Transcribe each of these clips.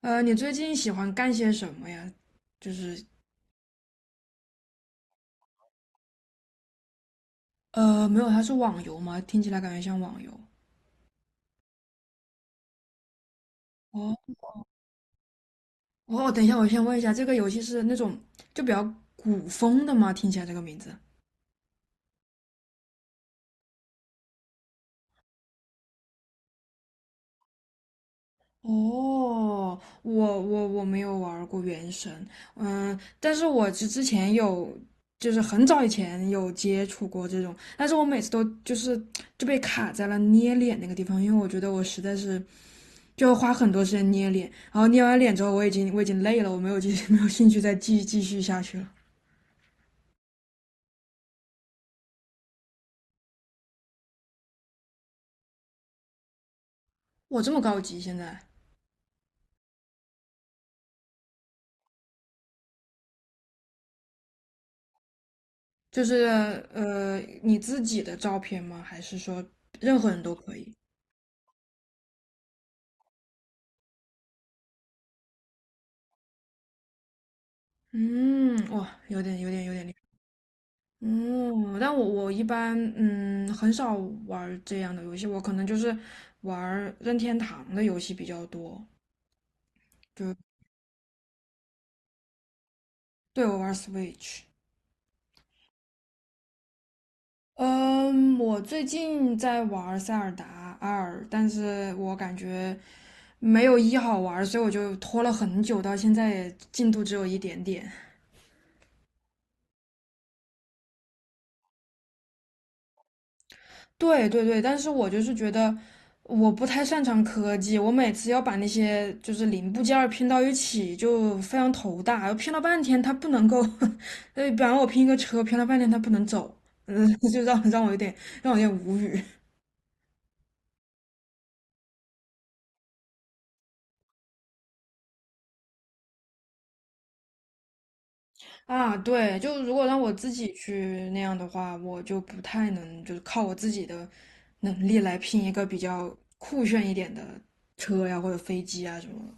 你最近喜欢干些什么呀？就是没有，它是网游吗？听起来感觉像网游。哦哦，等一下，我先问一下，这个游戏是那种就比较古风的吗？听起来这个名字。哦，我没有玩儿过《原神》，嗯，但是我之前有，就是很早以前有接触过这种，但是我每次都就是就被卡在了捏脸那个地方，因为我觉得我实在是就花很多时间捏脸，然后捏完脸之后，我已经累了，我没有继续没有兴趣再继续下去了。我这么高级，现在就是你自己的照片吗？还是说任何人都可以？嗯，哇，有点厉害。嗯，但我一般嗯很少玩儿这样的游戏，我可能就是玩儿任天堂的游戏比较多。就对我玩儿 Switch。嗯，我最近在玩《塞尔达二》，但是我感觉没有一好玩所以我就拖了很久，到现在也进度只有一点点。对对对，但是我就是觉得我不太擅长科技，我每次要把那些就是零部件儿拼到一起就非常头大，拼了半天它不能够，呃，比方我拼一个车，拼了半天它不能走，嗯，就让我有点让我有点无语。啊，对，就如果让我自己去那样的话，我就不太能，就是靠我自己的能力来拼一个比较酷炫一点的车呀，或者飞机啊什么的。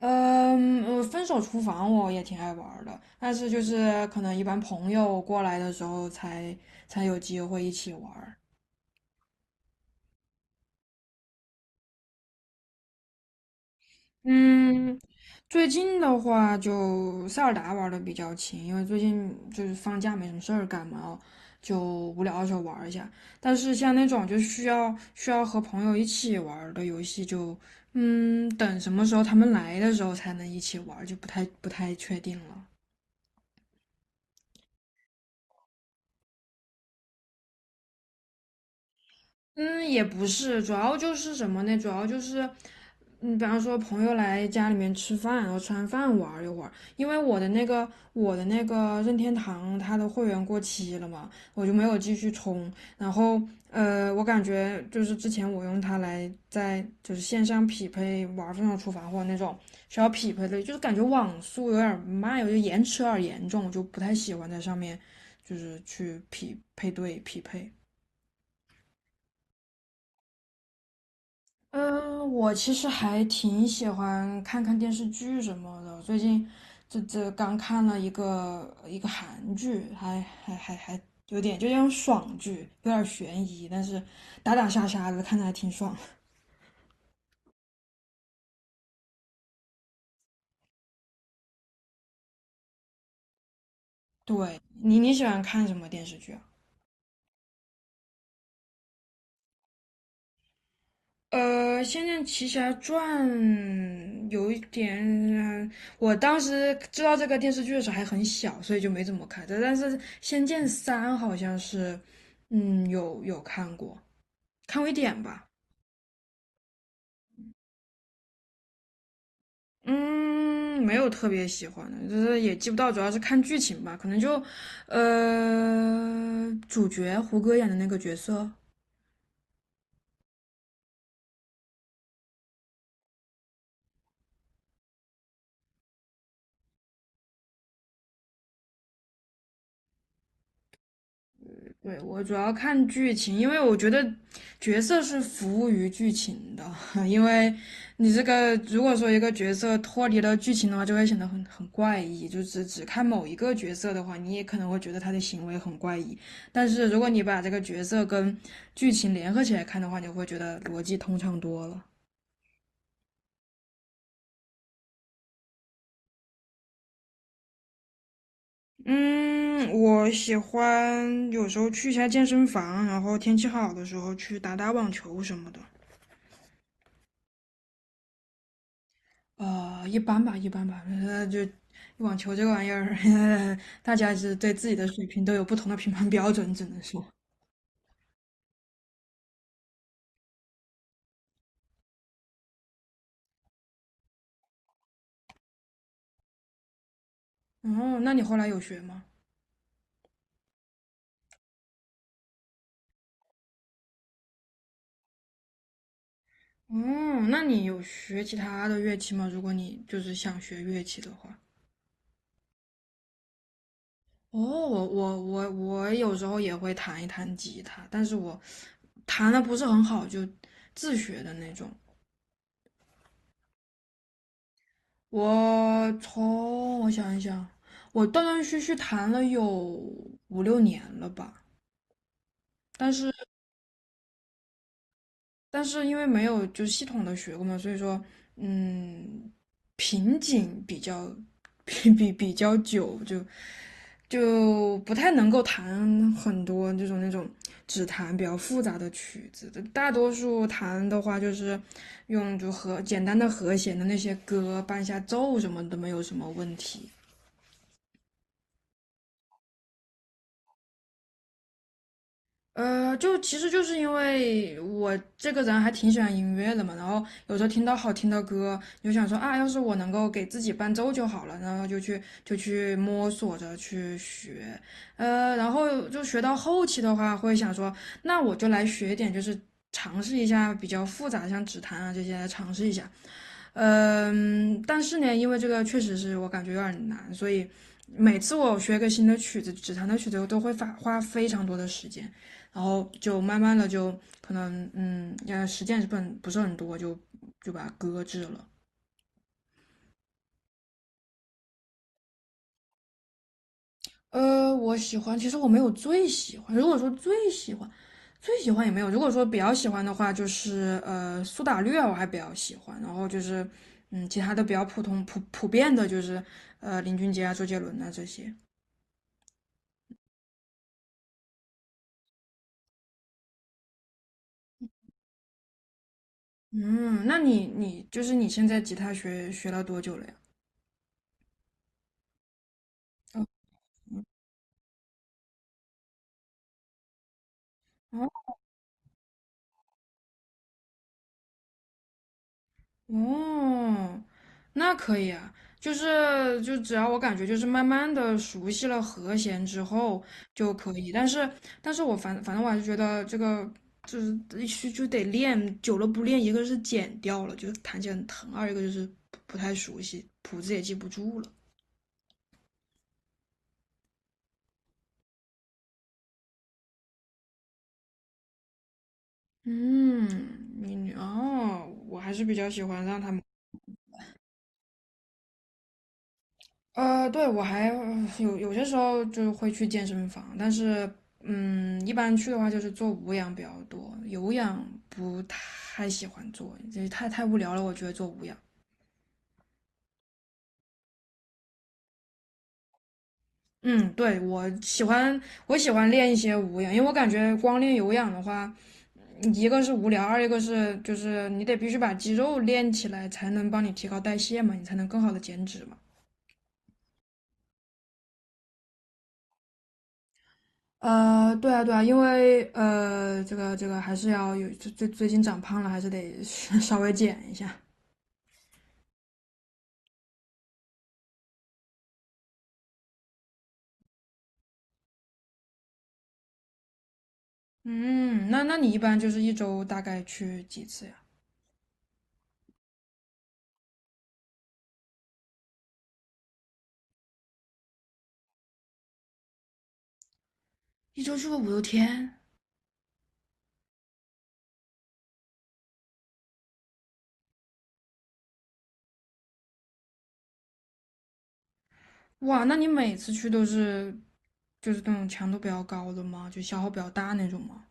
嗯，呃分手厨房我也挺爱玩儿的，但是就是可能一般朋友过来的时候才才有机会一起玩儿。嗯，最近的话就塞尔达玩的比较勤，因为最近就是放假没什么事儿干嘛哦，就无聊的时候玩一下。但是像那种就需要和朋友一起玩儿的游戏就，嗯，等什么时候他们来的时候才能一起玩儿，就不太确定了。嗯，也不是，主要就是什么呢？主要就是，嗯，比方说朋友来家里面吃饭，然后吃完饭玩儿一会儿。因为我的那个任天堂它的会员过期了嘛，我就没有继续充。然后呃，我感觉就是之前我用它来在就是线上匹配玩儿《疯狂厨房》或者那种需要匹配的，就是感觉网速有点儿慢，有点延迟有点儿严重，我就不太喜欢在上面就是去匹配匹配。嗯，我其实还挺喜欢看看电视剧什么的。最近这刚看了一个韩剧，还有点就那种爽剧，有点悬疑，但是打打杀杀的，看着还挺爽。对，你喜欢看什么电视剧啊？呃，《仙剑奇侠传》有一点，嗯我当时知道这个电视剧的时候还很小，所以就没怎么看。但但是《仙剑三》好像是，嗯，有有看过。看微点吧，嗯，没有特别喜欢的，就是也记不到，主要是看剧情吧，可能就，呃，主角胡歌演的那个角色，对，我主要看剧情，因为我觉得角色是服务于剧情的，因为你这个如果说一个角色脱离了剧情的话，就会显得很怪异。就只看某一个角色的话，你也可能会觉得他的行为很怪异。但是如果你把这个角色跟剧情联合起来看的话，你会觉得逻辑通畅多了。嗯，我喜欢有时候去一下健身房，然后天气好的时候去打打网球什么的。呃，一般吧，一般吧。呃，就网球这个玩意儿，大家是对自己的水平都有不同的评判标准，只能说。哦，那你后来有学吗？嗯，那你有学其他的乐器吗？如果你就是想学乐器的话。哦，我有时候也会弹一弹吉他，但是我弹的不是很好，就自学的那种。我想一想，我断断续续弹了有五六年了吧，但是。但是因为没有就系统的学过嘛，所以说，嗯，瓶颈比较比较久，就就不太能够弹很多这种那种只弹比较复杂的曲子。大多数弹的话，就是用就和简单的和弦的那些歌伴一下奏什么都没有什么问题。呃，就其实就是因为我这个人还挺喜欢音乐的嘛，然后有时候听到好听的歌，你就想说啊，要是我能够给自己伴奏就好了，然后就去就去摸索着去学，呃，然后就学到后期的话，会想说，那我就来学一点，就是尝试一下比较复杂的，像指弹啊这些来尝试一下。嗯，但是呢，因为这个确实是我感觉有点难，所以每次我学一个新的曲子，指弹的曲子，我都会花非常多的时间，然后就慢慢的就可能嗯，呃，实践是不是很多，就就把它搁置了。呃，我喜欢，其实我没有最喜欢，如果说最喜欢，最喜欢也没有。如果说比较喜欢的话，就是呃苏打绿啊，我还比较喜欢。然后就是嗯，其他的比较普通普遍的，就是呃林俊杰啊、周杰伦啊这些。嗯，那你就是你现在吉他学了多久了呀？哦哦，那可以啊，就是就只要我感觉就是慢慢的熟悉了和弦之后就可以，但是但是我反正我还是觉得这个就是就得练，久了不练，一个是剪掉了，就是弹起来很疼，二一个就是不太熟悉，谱子也记不住了。嗯，你你哦，我还是比较喜欢让他们。呃，对，我还呃有些时候就会去健身房，但是嗯，一般去的话就是做无氧比较多，有氧不太喜欢做，这太无聊了，我觉得做无氧。嗯，对，我喜欢练一些无氧，因为我感觉光练有氧的话，一个是无聊，二一个是就是你得必须把肌肉练起来，才能帮你提高代谢嘛，你才能更好的减脂嘛。呃，对啊，对啊，因为呃，这个还是要有最近长胖了，还是得 稍微减一下。嗯，那你一般就是一周大概去几次呀？一周去个五六天，哇，那你每次去都是就是那种强度比较高的吗？就消耗比较大那种吗？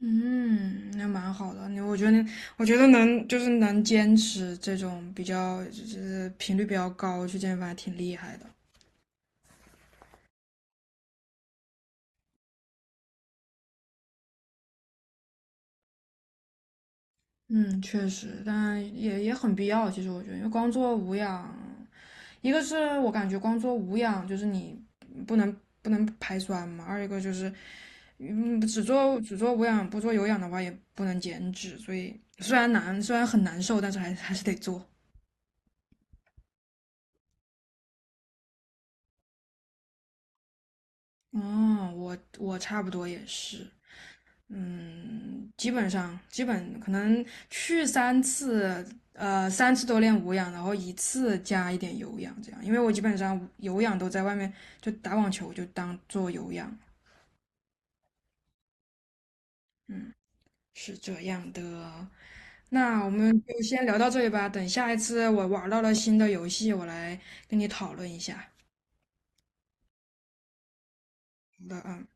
嗯，那蛮好的。我觉得你，我觉得能就是能坚持这种比较就是频率比较高去健身房，还挺厉害的。嗯，确实，但也很必要。其实我觉得，因为光做无氧，一个是我感觉光做无氧就是你不能不能排酸嘛，二一个就是嗯只做无氧不做有氧的话也不能减脂，所以虽然很难受，但是还是得做。嗯，我差不多也是。嗯，基本上基本可能去三次，呃，三次都练无氧，然后一次加一点有氧，这样。因为我基本上有氧都在外面，就打网球就当做有氧，是这样的。那我们就先聊到这里吧，等下一次我玩到了新的游戏，我来跟你讨论一下。好的啊。